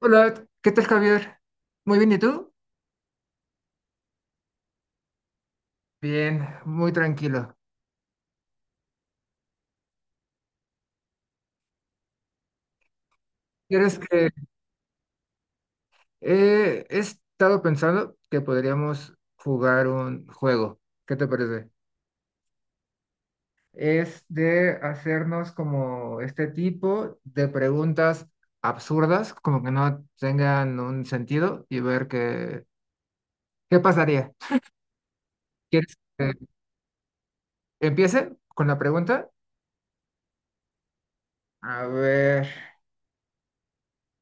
Hola, ¿qué tal, Javier? Muy bien, ¿y tú? Bien, muy tranquilo. ¿Quieres que he estado pensando que podríamos jugar un juego? ¿Qué te parece? Es de hacernos como este tipo de preguntas absurdas, como que no tengan un sentido y ver qué pasaría. ¿Quieres que empiece con la pregunta? A ver,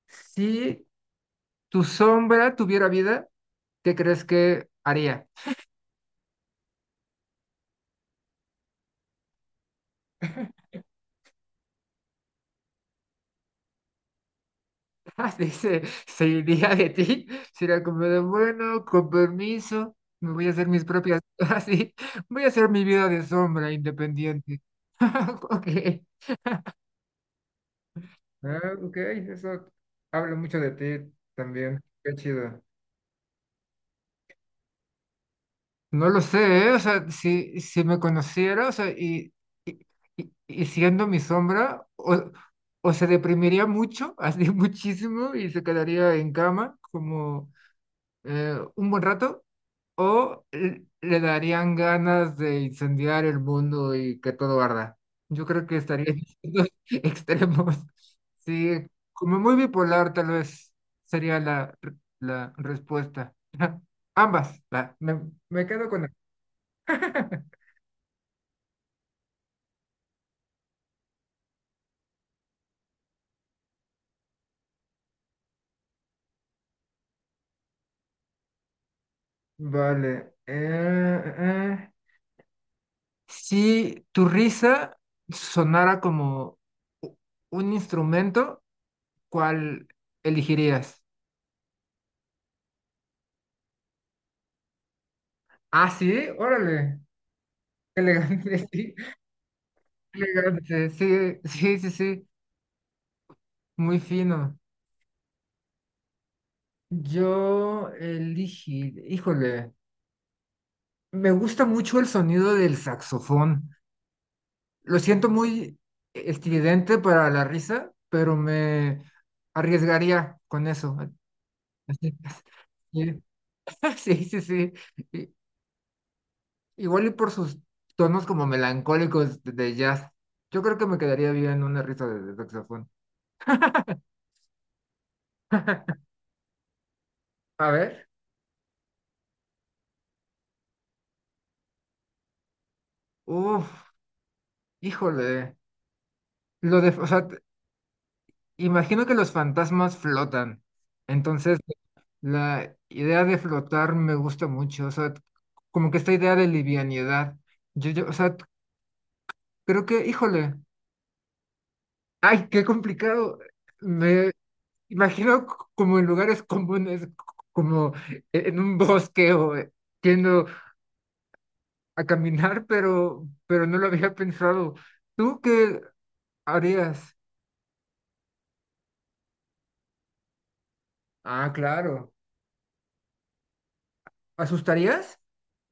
si tu sombra tuviera vida, ¿qué crees que haría? Dice, se iría de ti, será como de bueno, con permiso, me voy a hacer mis propias, así, voy a hacer mi vida de sombra independiente. Ok, ah, ok, eso habla mucho de ti también, qué chido. No lo sé, ¿eh? O sea, si me conociera, o sea, y, y siendo mi sombra, o se deprimiría mucho, así muchísimo, y se quedaría en cama como un buen rato o le darían ganas de incendiar el mundo y que todo arda. Yo creo que estaría en los extremos. Sí, como muy bipolar tal vez sería la respuesta. Ambas, va, me quedo con... Vale. Si tu risa sonara como u- un instrumento, ¿cuál elegirías? Ah, sí, órale, qué elegante, sí. Elegante, sí, sí, sí, sí, muy fino. Yo elegí, híjole, me gusta mucho el sonido del saxofón. Lo siento muy estridente para la risa, pero me arriesgaría con eso. Así, Sí, sí, sí. sí. I- Igual y por sus tonos como melancólicos de jazz. Yo creo que me quedaría bien una risa de saxofón. A ver, uff, híjole. Lo de, o sea, imagino que los fantasmas flotan. Entonces, la idea de flotar me gusta mucho. O sea, como que esta idea de livianidad. Yo, o sea, creo que, híjole, ay, qué complicado. Me imagino como en lugares comunes, como en un bosque o yendo a caminar, pero no lo había pensado. ¿Tú qué harías? Ah, claro. ¿Asustarías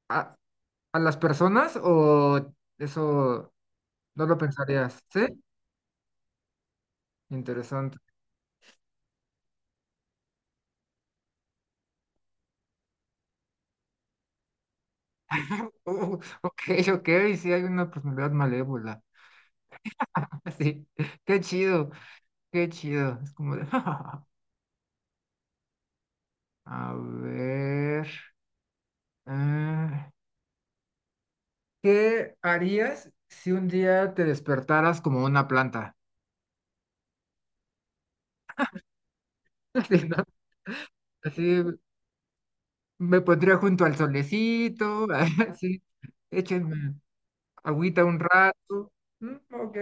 a, a las personas o eso? No lo pensarías, ¿sí? Interesante. Ok, ok, sí hay una personalidad malévola. Sí, qué chido, qué chido. Es como de... A ver, ah, ¿qué harías si un día te despertaras como una planta? Así, ¿no? Así me pondría junto al solecito, así, échenme agüita un rato. Mm, ok,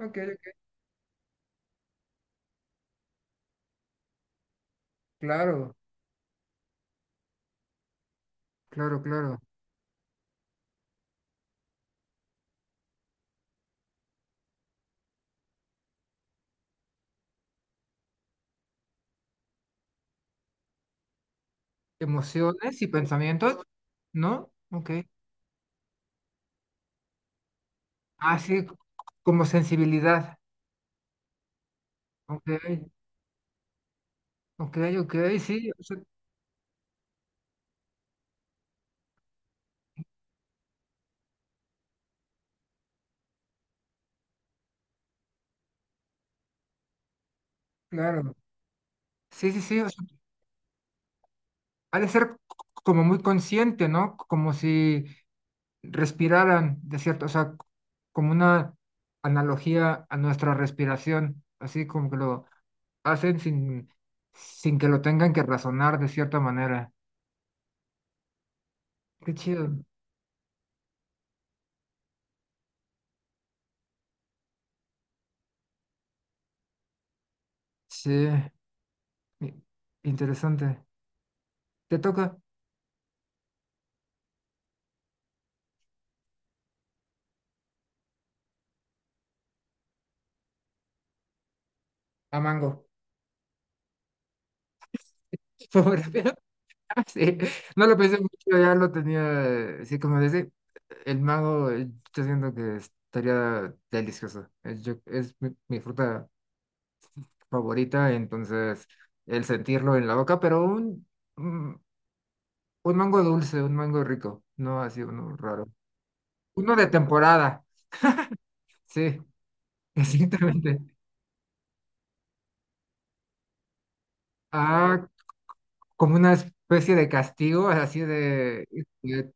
ok, ok. Claro, claro, claro. Emociones y pensamientos, ¿no? Ok. Ah, sí, como sensibilidad. Ok, ok, ok, sí, o sea, claro. Sí, sí, sí, o sea, ha de ser como muy consciente, ¿no? Como si respiraran, de cierto, o sea, como una analogía a nuestra respiración, así como que lo hacen sin, sin que lo tengan que razonar de cierta manera. Qué chido. Sí, i- interesante. Te toca a Mango. Fotografía, sí. No lo pensé mucho, ya lo tenía, sí, como dice, el mango, yo siento que estaría delicioso. Es, es mi fruta favorita, entonces el sentirlo en la boca, pero un, un mango dulce, un mango rico, no así uno raro. Uno de temporada, sí, exactamente. Ah, como una especie de castigo, así de, de-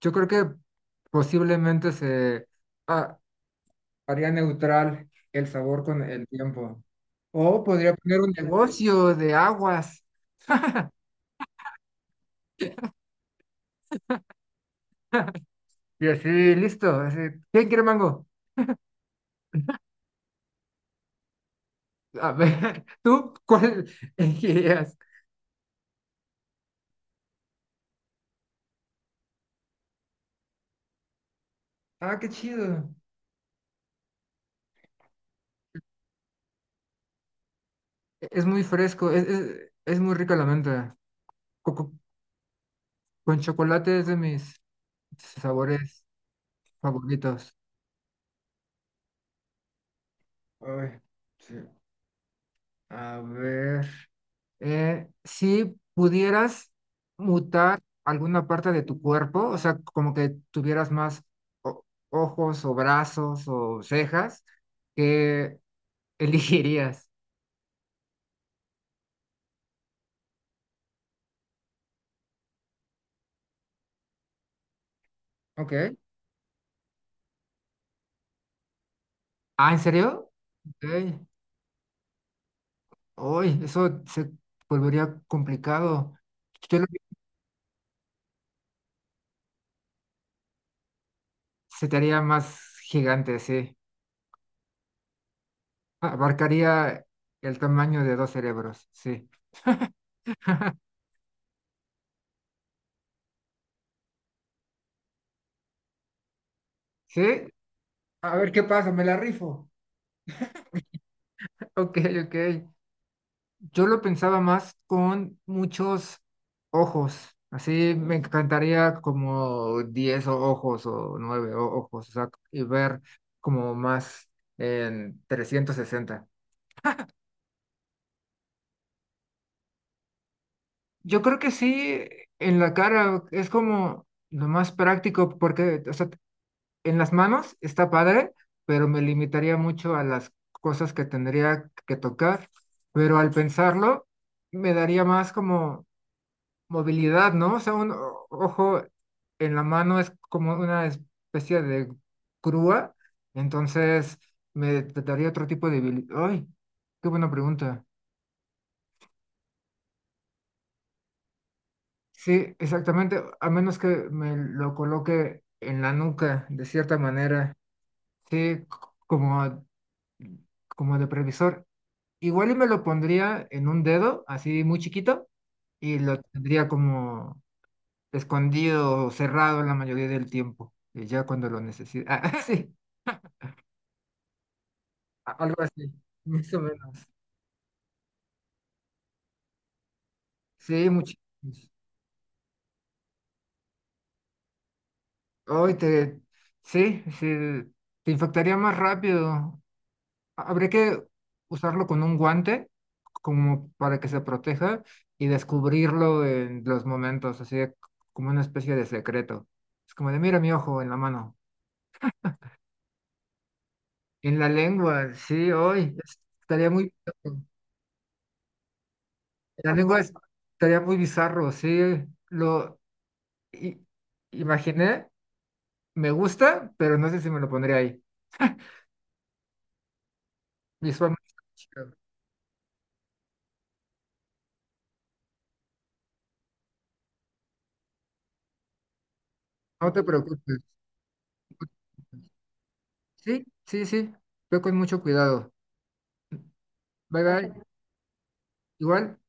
yo creo que posiblemente se... ah, haría neutral el sabor con el tiempo. O podría poner un negocio de aguas y así, listo. Así, ¿quién quiere mango? A ver, ¿tú cuál elegirías? Ah, qué chido. Es muy fresco, es muy rica la menta. Co- co- Con, chocolate es de mis sabores favoritos. Ay, sí. A ver. Si pudieras mutar alguna parte de tu cuerpo, o sea, como que tuvieras más o- ojos o brazos o cejas, ¿qué elegirías? Ok. Ah, ¿en serio? Ok. Uy, eso se volvería complicado. Yo lo- Se te haría más gigante, sí. Abarcaría el tamaño de 2 cerebros, sí. Sí, a ver qué pasa, me la rifo. Ok, ok. Yo lo pensaba más con muchos ojos. Así me encantaría como 10 ojos o 9 ojos, o sea, y ver como más en 360. Yo creo que sí, en la cara es como lo más práctico porque, o sea, en las manos está padre, pero me limitaría mucho a las cosas que tendría que tocar, pero al pensarlo me daría más como movilidad, ¿no? O sea, un ojo en la mano es como una especie de grúa, entonces me daría otro tipo de habilidad. ¡Ay! ¡Qué buena pregunta! Sí, exactamente, a menos que me lo coloque en la nuca, de cierta manera, sí, como, como de previsor. Igual y me lo pondría en un dedo, así muy chiquito, y lo tendría como escondido o cerrado la mayoría del tiempo, ya cuando lo necesito. Ah, sí, algo así, más o menos. Sí, muchísimos. Hoy te, sí, sí, te infectaría más rápido. Habría que usarlo con un guante, como para que se proteja, y descubrirlo en los momentos, así de como una especie de secreto. Es como de, mira mi ojo en la mano, en la lengua, sí, hoy, estaría muy... La lengua estaría muy bizarro, sí. Lo i- imaginé, me gusta, pero no sé si me lo pondría ahí. Visualmente está chido. No te preocupes. Sí, sí, sí. Ve con mucho cuidado. Bye, bye. Igual.